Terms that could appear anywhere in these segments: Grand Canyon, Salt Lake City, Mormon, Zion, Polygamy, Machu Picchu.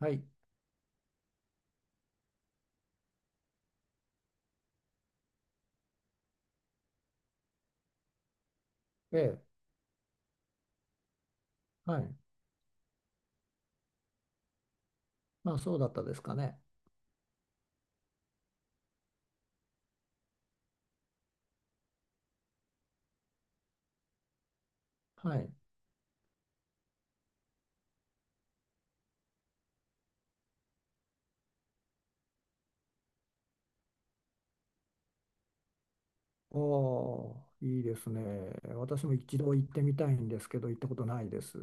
はい。ええ。はい。まあ、そうだったですかね。はい。おお、いいですね。私も一度行ってみたいんですけど、行ったことないです。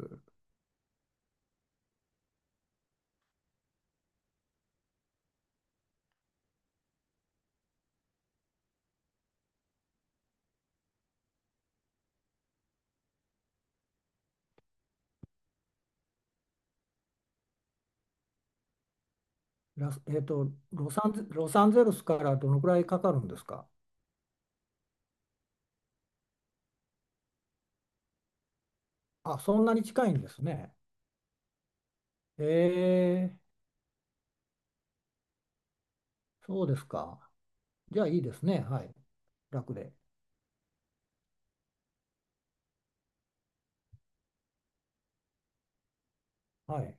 ラス、えっと、ロサンゼ、ロサンゼルスからどのくらいかかるんですか？あ、そんなに近いんですね。ええ、そうですか。じゃあいいですね。はい。楽で。はい。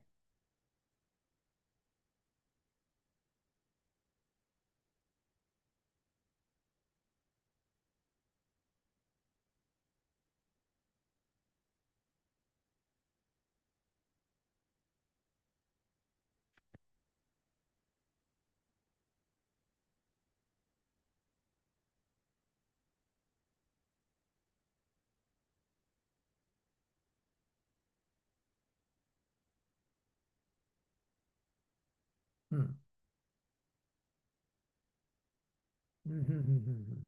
うん。うんうんうんうんうん。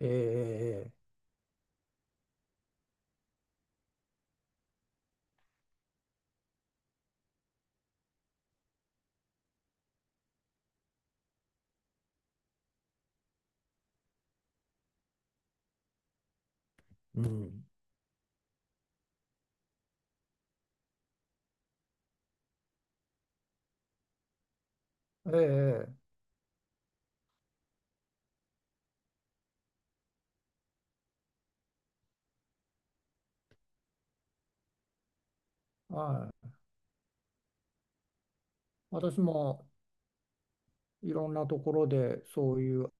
ええ、ええ、うん。ええ、はい。私もいろんなところでそういう、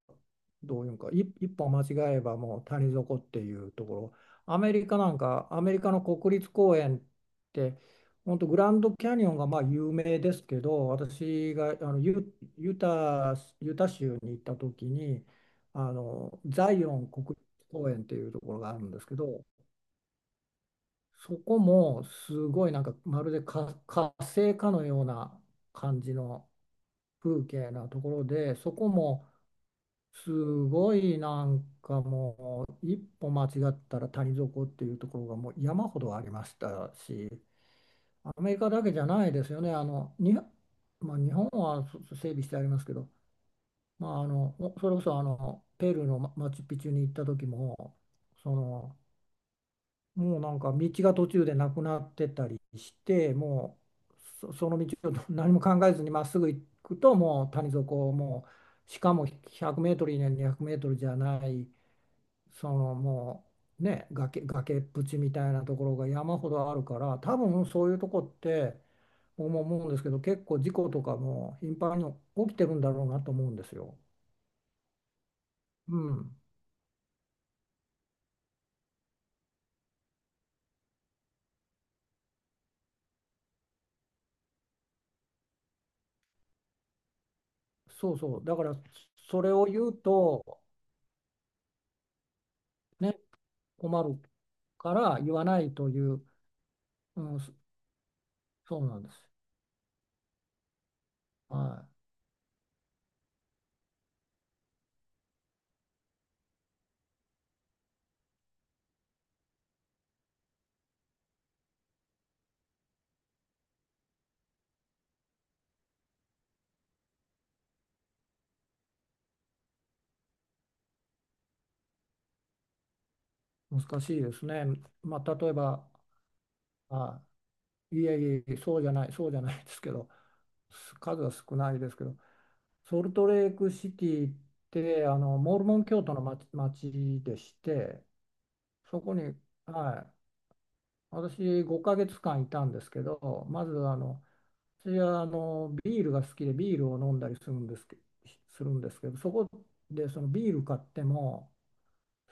どういうんか、一歩間違えばもう谷底っていうところ、アメリカの国立公園って、本当グランドキャニオンがまあ有名ですけど、私がユタ州に行った時に、あのザイオン国立公園っていうところがあるんですけど、そこもすごい、なんかまるで火星かのような感じの風景なところで、そこもすごい、なんかもう一歩間違ったら谷底っていうところがもう山ほどありましたし、アメリカだけじゃないですよね。あのに、まあ、日本は整備してありますけど、まあ、あのほそれこそあのペルーのマチュピチュに行った時も、その、もうなんか道が途中でなくなってたりしても、その道を 何も考えずにまっすぐ行くともう谷底、しかも100メートル以内に200メートルじゃない。その、もうね、崖っぷちみたいなところが山ほどあるから、多分そういうとこって、僕も思うんですけど結構事故とかも頻繁に起きてるんだろうなと思うんですよ。うん、そうそう。だから、それを言うとね、困るから言わないという。うん、そそうなんです。はい。難しいですね。まあ、例えば、はい、いえいえ、そうじゃないそうじゃないですけど、数は少ないですけど。ソルトレークシティって、あのモルモン教徒の町でして、そこに、はい、私5ヶ月間いたんですけど、まず私はビールが好きで、ビールを飲んだりするんですけど、そこでそのビール買っても、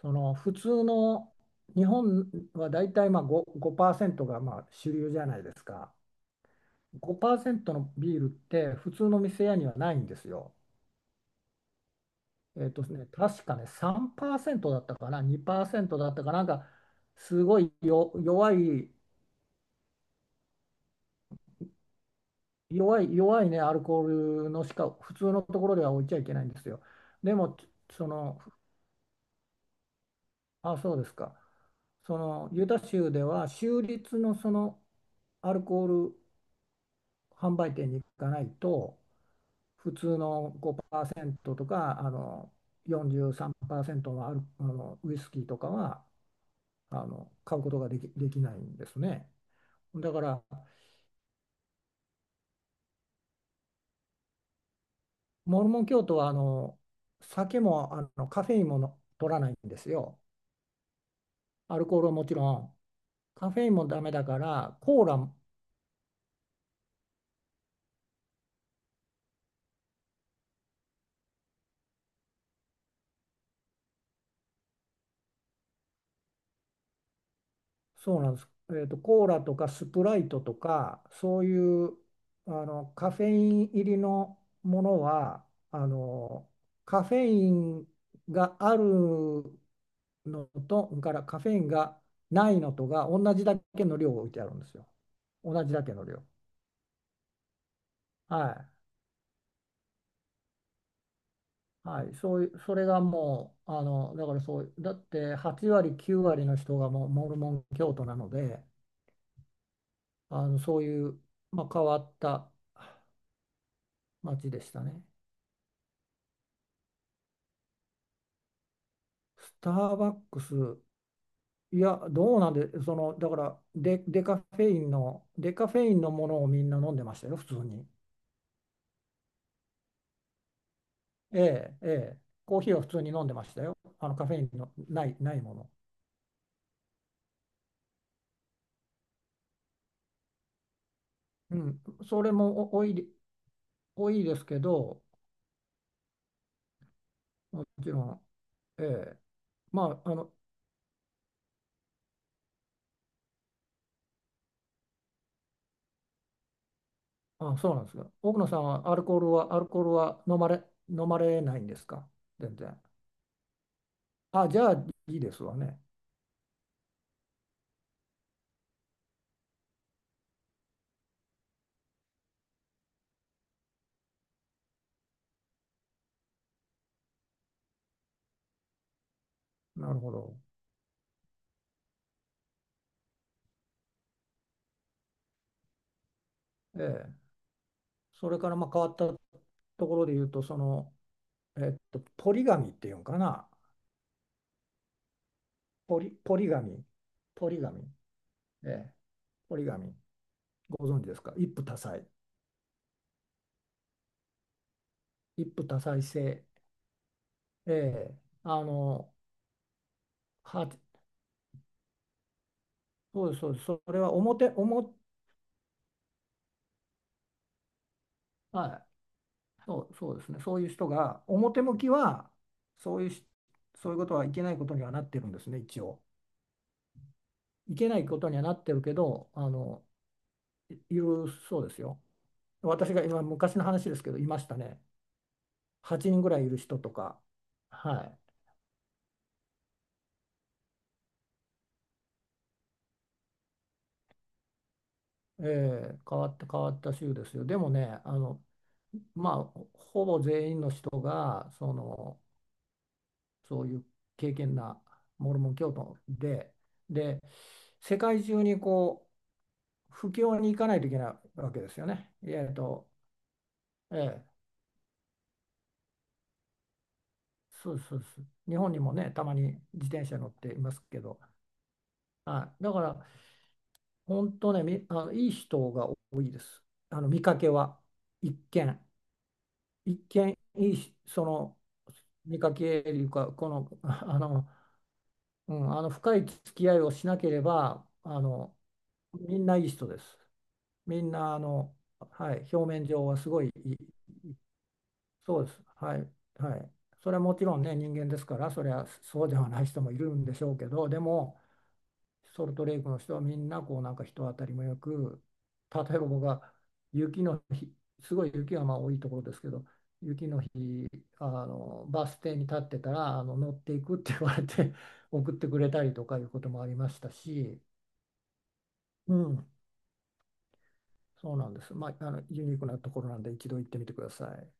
その、普通の日本はだいたいまあ5、ごパーセントがまあ主流じゃないですか。5%のビールって普通の店屋にはないんですよ。確かね、3%だったかな、2%だったかな、なんか、すごいよ弱い、弱い、弱いね、アルコールのしか、普通のところでは置いちゃいけないんですよ。でも、その、あ、そうですか。その、ユタ州では、州立のその、アルコール販売店に行かないと、普通の5%とか、あの、43%のあの、ウイスキーとかは、あの、買うことができないんですね。だから、モルモン教徒はあの酒も、あのカフェインもの取らないんですよ。アルコールはもちろん。カフェインもダメだから、コーラ、そうなんです。えーと、コーラとかスプライトとか、そういうあのカフェイン入りのものは、あのカフェインがあるのと、カフェインがないのとが同じだけの量を置いてあるんですよ。同じだけの量。はい。はい、そういう、それがもう、あの、だからそう、だって8割、9割の人がもうモルモン教徒なので、あの、そういう、まあ、変わった街でしたね。スターバックス、いや、どうなんで、その、だからデカフェインの、デカフェインのものをみんな飲んでましたよ、普通に。ええ、ええ、コーヒーは普通に飲んでましたよ。あの、カフェインのない、ないもの。うん、それも多い、多いですけど、もちろん、ええ。まあ、あの、そうなんですよ。奥野さんはアルコールは、飲まれないんですか？全然。あ、じゃあいいですわね。なるほど。ええ。それからまあ変わったところで言うと、その、えっと、ポリガミっていうんかな。ポリガミ。ポリガミ。ええ。ポリガミ。ご存知ですか、一夫多妻。一夫多妻制。ええ。あの、は、そうです、そうです。それは表、はい、そうですね。そういう人が、表向きは、そういうし、そういうことはいけないことにはなってるんですね、一応。いけないことにはなってるけど、あの、いるそうですよ。私が今、昔の話ですけど、いましたね。8人ぐらいいる人とか。はい、ええ、変わった、変わった州ですよ。でもね、あの、まあ、ほぼ全員の人が、その、そういう敬虔なモルモン教徒で、で、世界中に布教に行かないといけないわけですよね。えっと、ええ、そうそうそう、日本にもね、たまに自転車乗っていますけど、はい、だから、本当ね、あの、いい人が多いです。あの見かけは、一見、一見、いいし、その、見かけというか、この、あの、うん、あの深い付き合いをしなければ、あの、みんないい人です。みんな、あの、はい、表面上はすごいいい。そうです。はい。はい。それはもちろんね、人間ですから、それはそうではない人もいるんでしょうけど、でも、ソルトレイクの人はみんな、こう、なんか人当たりもよく、例えば僕が雪の日、すごい雪がまあ多いところですけど、雪の日、あの、バス停に立ってたら、あの、乗っていくって言われて 送ってくれたりとかいうこともありましたし、うん、そうなんです。まあ、あの、ユニークなところなんで、一度行ってみてください。